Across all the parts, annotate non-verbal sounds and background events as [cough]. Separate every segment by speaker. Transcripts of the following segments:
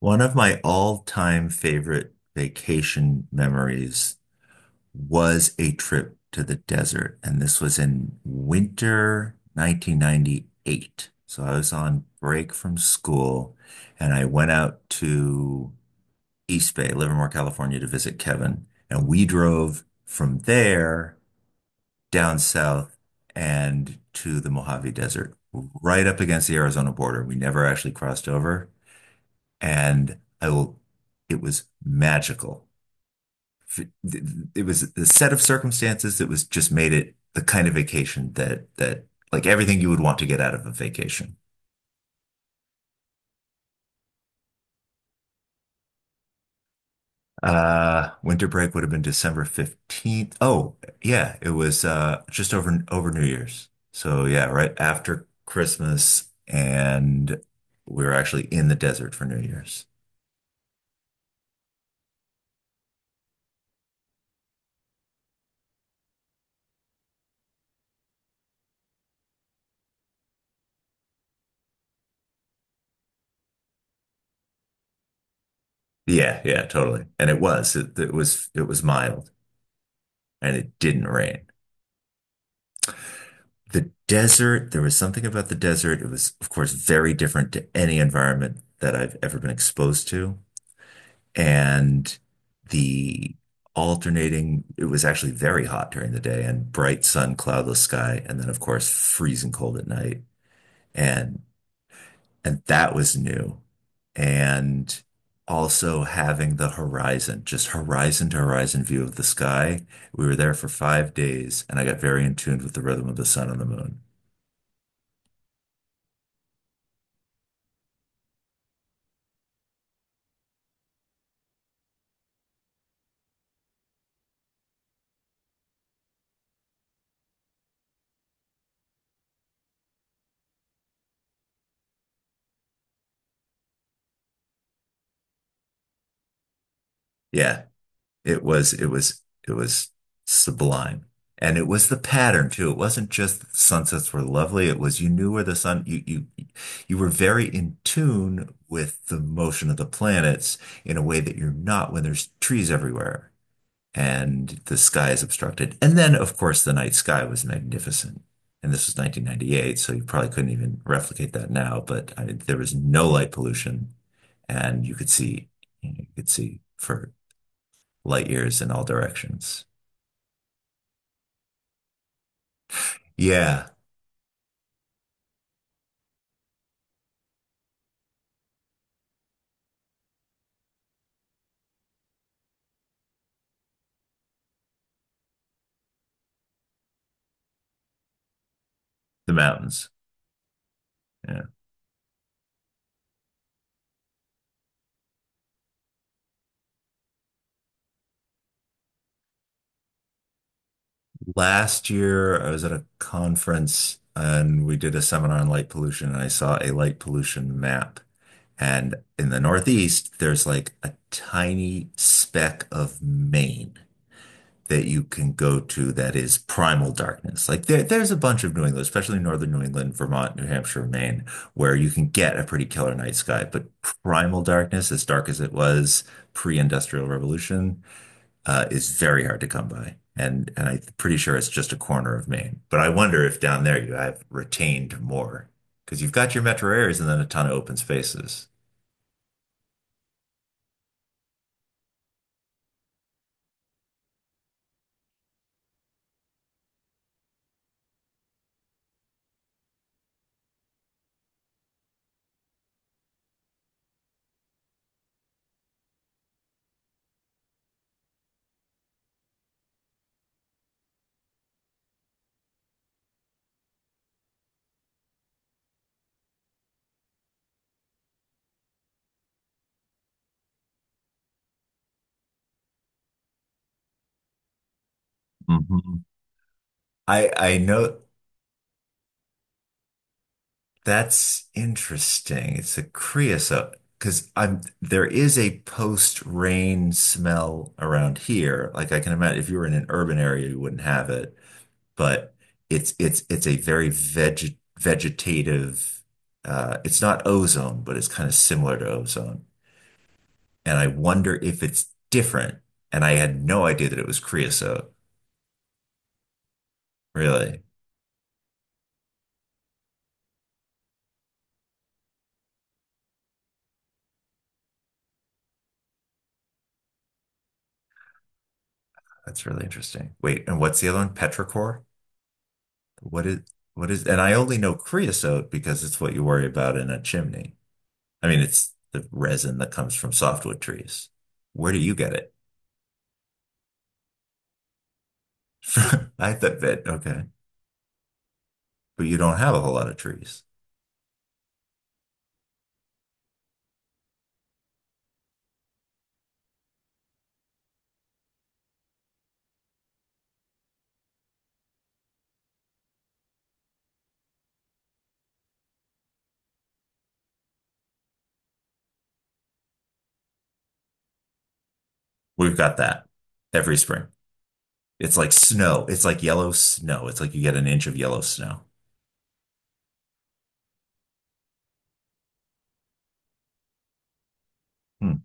Speaker 1: One of my all-time favorite vacation memories was a trip to the desert, and this was in winter 1998. So I was on break from school, and I went out to East Bay, Livermore, California, to visit Kevin. And we drove from there down south and to the Mojave Desert, right up against the Arizona border. We never actually crossed over. And I will, it was magical. It was the set of circumstances that was just made it the kind of vacation that like everything you would want to get out of a vacation. Winter break would have been December 15th. Oh, yeah, it was just over New Year's. So yeah, right after Christmas and we were actually in the desert for New Year's. Yeah, yeah, totally. And it was mild and it didn't rain. The desert, there was something about the desert. It was, of course, very different to any environment that I've ever been exposed to. And the alternating, it was actually very hot during the day and bright sun, cloudless sky, and then, of course, freezing cold at night. And and that was new. And also having the horizon, just horizon to horizon view of the sky. We were there for 5 days, and I got very in tune with the rhythm of the sun and the moon. Yeah. It was it was it was sublime. And it was the pattern too. It wasn't just the sunsets were lovely. It was you knew where the sun you were very in tune with the motion of the planets in a way that you're not when there's trees everywhere and the sky is obstructed. And then of course the night sky was magnificent. And this was 1998, so you probably couldn't even replicate that now, but I mean, there was no light pollution and you could see you know, you could see for light years in all directions. Yeah, the mountains. Yeah. Last year, I was at a conference and we did a seminar on light pollution, and I saw a light pollution map. And in the Northeast, there's like a tiny speck of Maine that you can go to that is primal darkness. Like there's a bunch of New England, especially northern New England, Vermont, New Hampshire, Maine, where you can get a pretty killer night sky. But primal darkness, as dark as it was pre-industrial revolution, is very hard to come by. And I'm pretty sure it's just a corner of Maine. But I wonder if down there you have retained more because you've got your metro areas and then a ton of open spaces. Hmm. I know that's interesting. It's a creosote because I'm there is a post-rain smell around here. Like I can imagine if you were in an urban area, you wouldn't have it. But it's a very vegetative it's not ozone, but it's kind of similar to ozone. And I wonder if it's different. And I had no idea that it was creosote. Really. That's really interesting. Wait, and what's the other one? Petrichor? What is and I only know creosote because it's what you worry about in a chimney. I mean, it's the resin that comes from softwood trees. Where do you get it? [laughs] I thought that, okay. But you don't have a whole lot of trees. We've got that every spring. It's like snow. It's like yellow snow. It's like you get an inch of yellow snow. Hmm.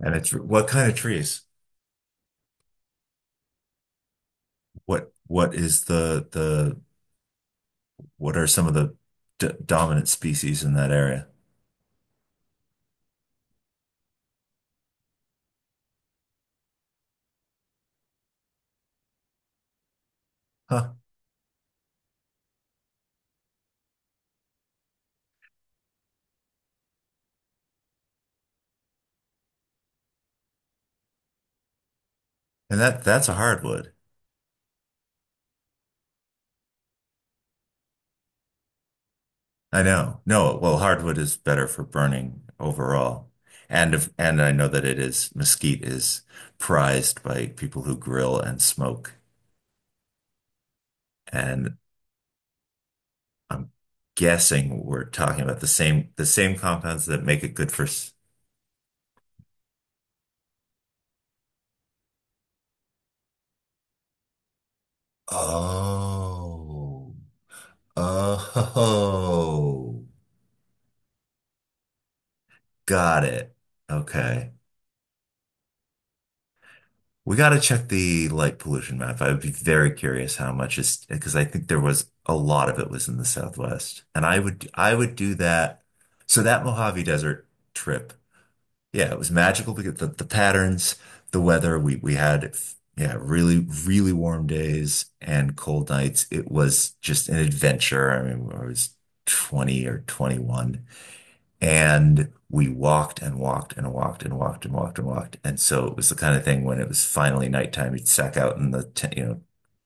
Speaker 1: And it's what kind of trees? What is the what are some of the d dominant species in that area? Huh. And that's a hardwood. I know. No, well, hardwood is better for burning overall. And if, and I know that it is mesquite is prized by people who grill and smoke. And I'm guessing we're talking about the same compounds that make it good for. Oh, oh, got it. Okay. We got to check the light pollution map. I would be very curious how much is because I think there was a lot of it was in the Southwest. And I would do that. So that Mojave Desert trip. Yeah, it was magical because the patterns, the weather, we had yeah, really, really warm days and cold nights. It was just an adventure. I mean, I was 20 or 21 and we walked and walked and walked and walked and walked and walked. And so it was the kind of thing when it was finally nighttime, you'd sack out in the tent, you know,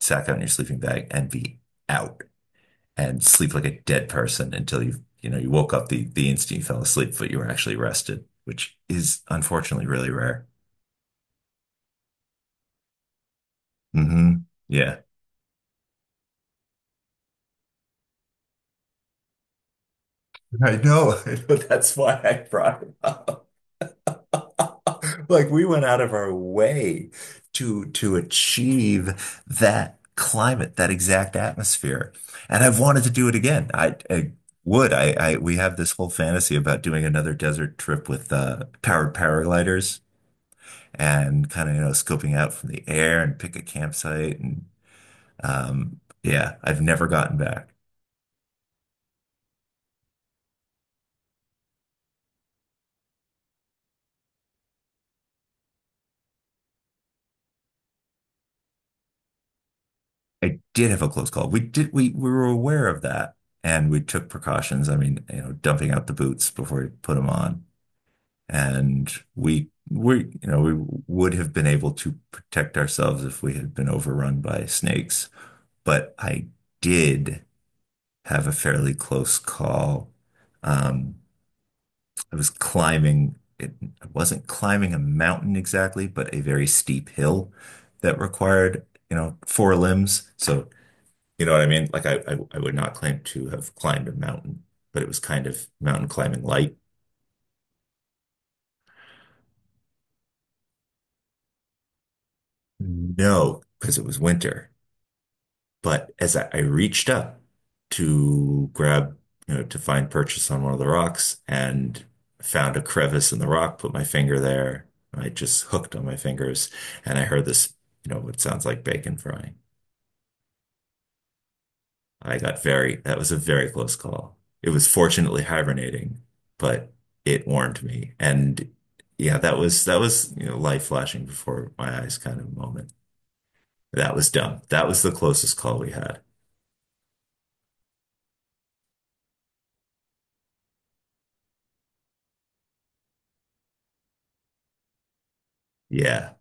Speaker 1: sack out in your sleeping bag and be out and sleep like a dead person until you know, you woke up the instant you fell asleep, but you were actually rested, which is unfortunately really rare. Hmm. Yeah. I know. [laughs] I know. That's why I brought it up. [laughs] Like we went out of our way to achieve that climate, that exact atmosphere. And I've wanted to do it again. I would. I we have this whole fantasy about doing another desert trip with powered paragliders. And kind of, you know, scoping out from the air and pick a campsite. And yeah, I've never gotten back. I did have a close call. We were aware of that and we took precautions. I mean, you know, dumping out the boots before we put them on. And you know, we would have been able to protect ourselves if we had been overrun by snakes. But I did have a fairly close call. Um, I was climbing, I wasn't climbing a mountain exactly, but a very steep hill that required, you know, four limbs. So, you know what I mean? Like I would not claim to have climbed a mountain, but it was kind of mountain climbing light. No, because it was winter. But as I reached up to grab, you know, to find purchase on one of the rocks and found a crevice in the rock, put my finger there. I just hooked on my fingers and I heard this, you know, what sounds like bacon frying. I got very, that was a very close call. It was fortunately hibernating, but it warned me. And yeah, you know, light flashing before my eyes kind of moment. That was dumb. That was the closest call we had. Yeah.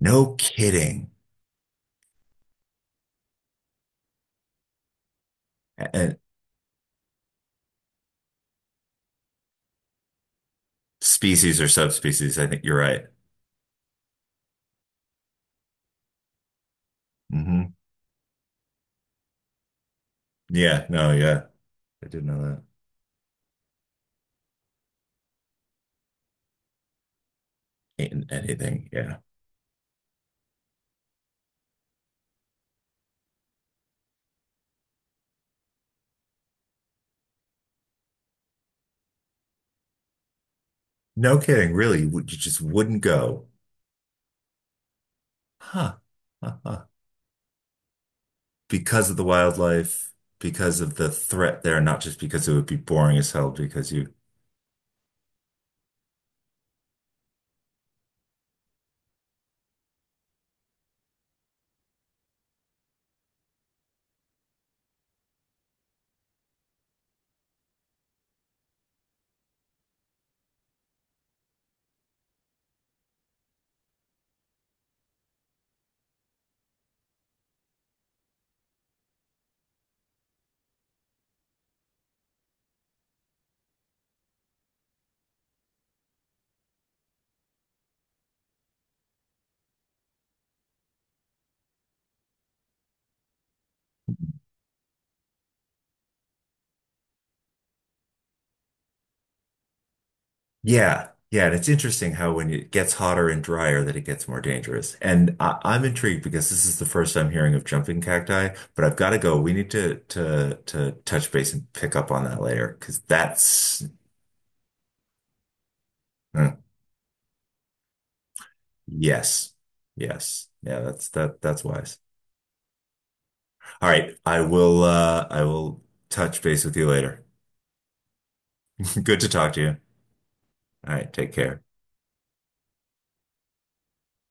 Speaker 1: No kidding. Uh, Species or subspecies. I think you're right. Hmm. Yeah, no, yeah. I didn't know that. Ain't anything. Yeah. No kidding, really. You would- you just wouldn't go. Huh. Huh. Huh. Because of the wildlife, because of the threat there, not just because it would be boring as hell because you. Yeah, yeah, and it's interesting how when it gets hotter and drier that it gets more dangerous. And I'm intrigued because this is the first I'm hearing of jumping cacti, but I've got to go. We need to to touch base and pick up on that later because that's mm, yes, yes, yeah, that's that's wise. All right, I will touch base with you later. [laughs] Good to talk to you. All right, take care.